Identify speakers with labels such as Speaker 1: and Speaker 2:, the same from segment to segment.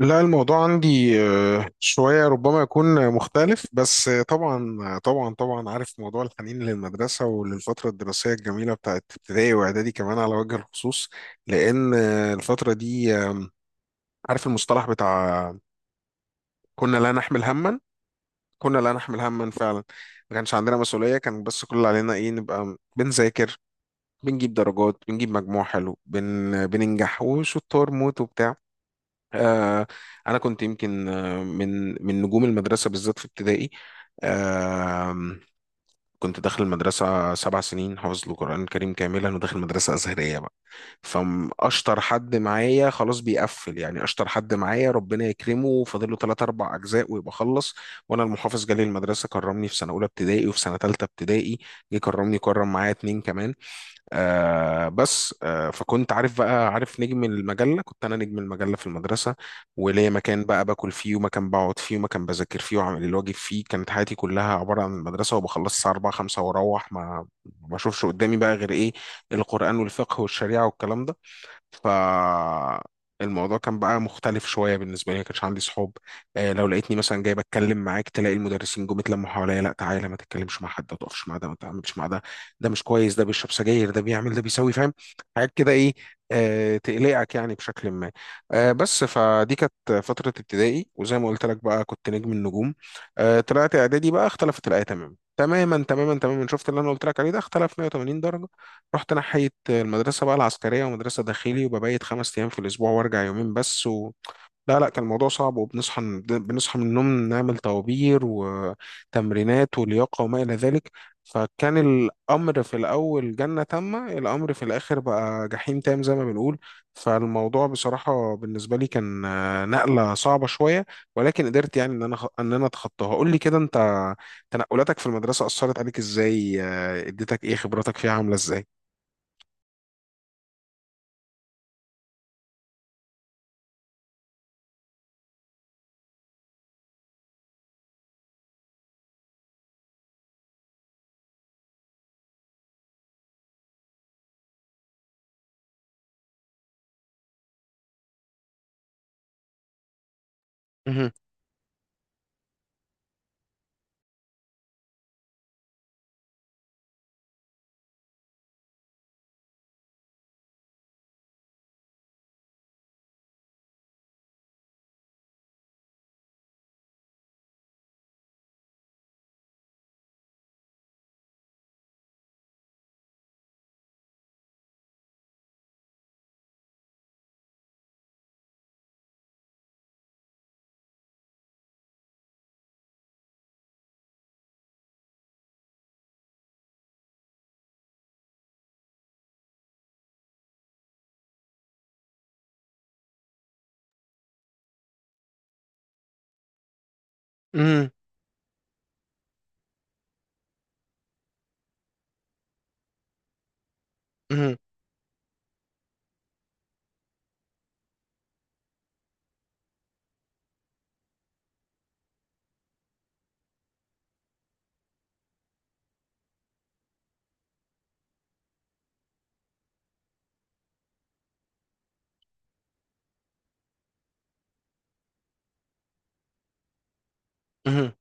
Speaker 1: لا الموضوع عندي شوية ربما يكون مختلف بس طبعا طبعا عارف موضوع الحنين للمدرسة وللفترة الدراسية الجميلة بتاعت ابتدائي وإعدادي كمان على وجه الخصوص، لأن الفترة دي عارف المصطلح بتاع كنا لا نحمل هما كنا لا نحمل هما فعلا. ما كانش عندنا مسؤولية، كان بس كل اللي علينا إيه، نبقى بنذاكر، بنجيب درجات، بنجيب مجموع حلو، بننجح وشطار موت وبتاع. آه، انا كنت يمكن من نجوم المدرسه بالذات في ابتدائي. آم، كنت داخل المدرسه سبع سنين حافظ القران الكريم كاملا وداخل مدرسه ازهريه بقى، فاشطر حد معايا خلاص بيقفل، يعني اشطر حد معايا ربنا يكرمه فاضل له ثلاث اربع اجزاء ويبقى خلص. وانا المحافظ جالي المدرسه كرمني في سنه اولى ابتدائي وفي سنه ثالثه ابتدائي، جه كرمني كرم معايا اتنين كمان. آه بس آه فكنت عارف بقى، عارف نجم المجلة، كنت أنا نجم المجلة في المدرسة، وليا مكان بقى باكل فيه ومكان بقعد فيه ومكان بذاكر فيه وعامل الواجب فيه. كانت حياتي كلها عبارة عن المدرسة، وبخلص الساعة 4 5 وأروح ما أشوفش قدامي بقى غير إيه، القرآن والفقه والشريعة والكلام ده. فالموضوع كان بقى مختلف شويه بالنسبه لي، ما كانش عندي صحاب. لو لقيتني مثلا جاي بتكلم معاك، تلاقي المدرسين جم اتلموا حواليا، لا تعالى ما تتكلمش مع حد، ما تقفش مع ده، ما تعملش مع ده، ده مش كويس، ده بيشرب سجاير، ده بيعمل، ده بيسوي، فاهم، حاجات كده ايه، تقلقك يعني بشكل ما. بس فدي كانت فتره ابتدائي، وزي ما قلت لك بقى كنت نجم النجوم. طلعت اعدادي بقى، اختلفت الايه تماما تماما تماما تماما، شفت اللي انا قلت لك عليه ده اختلف 180 درجه. رحت ناحية المدرسة بقى العسكرية، ومدرسة داخلي وببيت خمس أيام في الأسبوع وأرجع يومين بس، لا لا كان الموضوع صعب، وبنصحى بنصحى من النوم نعمل طوابير وتمرينات ولياقة وما إلى ذلك. فكان الأمر في الأول جنة تامة، الأمر في الآخر بقى جحيم تام زي ما بنقول. فالموضوع بصراحة بالنسبة لي كان نقلة صعبة شوية، ولكن قدرت يعني إن أنا إن أنا أتخطاها. قول لي كده أنت، تنقلاتك في المدرسة أثرت عليك إزاي، اديتك إيه، خبراتك فيها عاملة إزاي؟ مهم، مهم، مهم، مهم.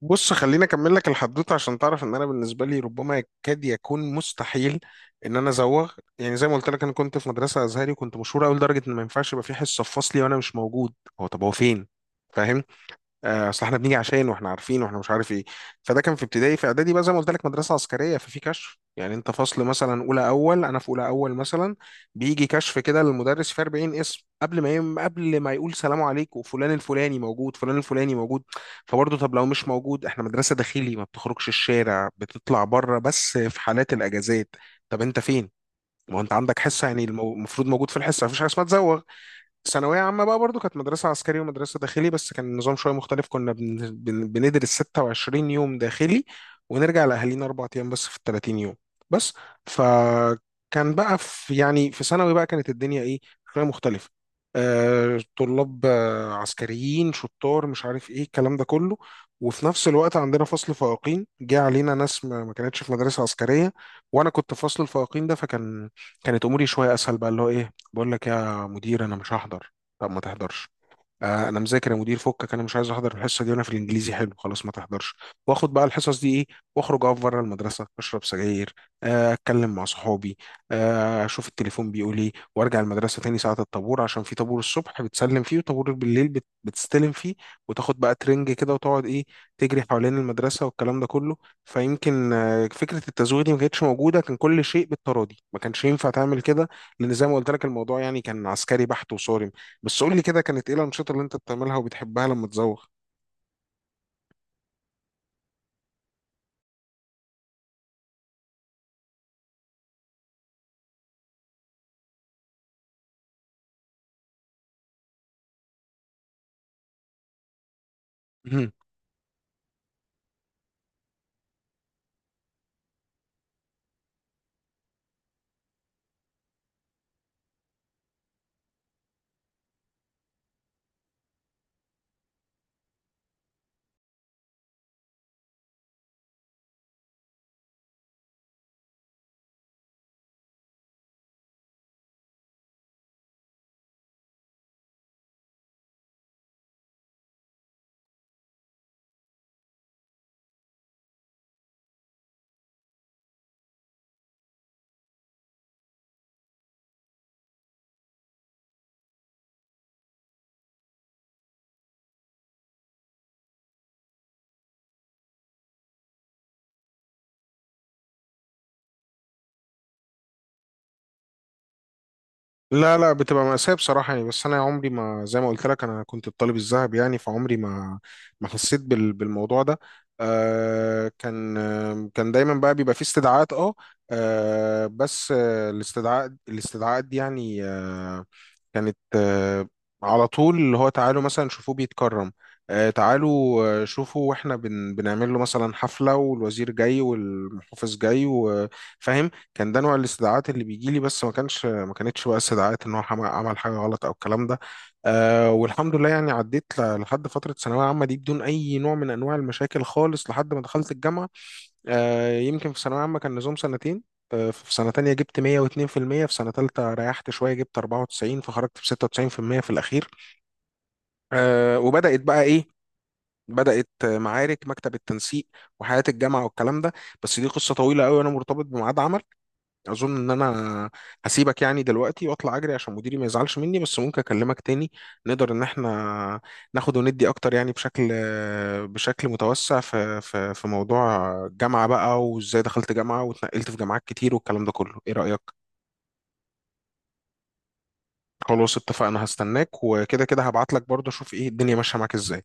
Speaker 1: بص خليني اكمل لك الحدوته عشان تعرف ان انا بالنسبه لي ربما يكاد يكون مستحيل ان انا ازوغ. يعني زي ما قلت لك انا كنت في مدرسه ازهري وكنت مشهور قوي، لدرجه ان ما ينفعش يبقى في حصه في فصلي وانا مش موجود، هو طب هو فين؟ فاهم؟ اصل احنا بنيجي عشان واحنا عارفين واحنا مش عارف ايه. فده كان في ابتدائي. في اعدادي بقى زي ما قلت لك مدرسه عسكريه، ففي كشف يعني، انت فصل مثلا اولى اول، انا في اولى اول مثلا، بيجي كشف كده للمدرس في 40 اسم قبل ما قبل ما يقول سلام عليكم، فلان الفلاني موجود، فلان الفلاني موجود. فبرضه، طب لو مش موجود، احنا مدرسه داخلي، ما بتخرجش الشارع، بتطلع بره بس في حالات الاجازات. طب انت فين؟ ما هو انت عندك حصه، يعني المفروض موجود في الحصه، مفيش حاجه اسمها تزوغ. ثانوية عامة بقى برضو كانت مدرسة عسكري ومدرسة داخلي، بس كان النظام شوية مختلف، كنا بندرس 26 يوم داخلي، ونرجع لأهالينا أربع أيام بس في ال 30 يوم بس. فكان بقى في، يعني في ثانوي بقى كانت الدنيا إيه، شوية مختلفة. طلاب عسكريين شطار مش عارف إيه الكلام ده كله، وفي نفس الوقت عندنا فصل فائقين جه علينا ناس ما كانتش في مدرسة عسكرية. وأنا كنت في فصل الفائقين ده، فكان، كانت أموري شوية أسهل بقى، اللي هو إيه، بقول لك يا مدير انا مش هحضر، طب ما تحضرش. آه انا مذاكر يا مدير فكك، انا مش عايز احضر الحصه دي، وانا في الانجليزي حلو، خلاص ما تحضرش. واخد بقى الحصص دي ايه، واخرج اقف بره المدرسه اشرب سجاير، آه اتكلم مع صحابي، آه اشوف التليفون بيقول ايه، وارجع المدرسه تاني ساعه الطابور، عشان في طابور الصبح بتسلم فيه وطابور بالليل بتستلم فيه. وتاخد بقى ترنج كده وتقعد ايه، تجري حوالين المدرسه والكلام ده كله. فيمكن آه فكره التزويغ دي ما كانتش موجوده، كان كل شيء بالتراضي، ما كانش ينفع تعمل كده، لان زي ما قلت لك الموضوع يعني كان عسكري بحت وصارم. بس قول لي كده، كانت ايه الانشطه اللي انت بتعملها وبتحبها لما تزوغ؟ مهم. لا لا بتبقى مأساة بصراحة يعني، بس أنا عمري ما، زي ما قلت لك أنا كنت الطالب الذهب يعني، فعمري ما ما حسيت بالموضوع ده. آه كان آه كان دايما بقى بيبقى فيه استدعاءات، أه آه، بس آه الاستدعاءات دي يعني كانت على طول اللي هو تعالوا مثلا شوفوه بيتكرم، تعالوا شوفوا، واحنا بنعمل له مثلا حفلة والوزير جاي والمحافظ جاي، وفاهم، كان ده نوع الاستدعاءات اللي بيجي لي. بس ما كانش ما كانتش بقى استدعاءات ان هو عمل حاجة غلط او الكلام ده. والحمد لله يعني عديت لحد فترة ثانوية عامة دي بدون اي نوع من انواع المشاكل خالص لحد ما دخلت الجامعة. يمكن في ثانوية عامة كان نظام سنتين، في سنة تانية جبت 102% في المية، في سنة تالتة ريحت شوية جبت 94، فخرجت ب 96% في المية في الأخير. وبدأت بقى إيه، بدأت معارك مكتب التنسيق وحياة الجامعة والكلام ده. بس دي قصة طويلة قوي، أنا مرتبط بميعاد عمل، اظن ان انا هسيبك يعني دلوقتي واطلع اجري عشان مديري ما يزعلش مني. بس ممكن اكلمك تاني، نقدر ان احنا ناخد وندي اكتر يعني، بشكل، بشكل متوسع في موضوع الجامعة بقى، وازاي دخلت جامعة واتنقلت في جامعات كتير والكلام ده كله، ايه رأيك؟ خلاص اتفقنا، هستناك، وكده كده هبعت لك برضه اشوف ايه الدنيا ماشية معاك ازاي.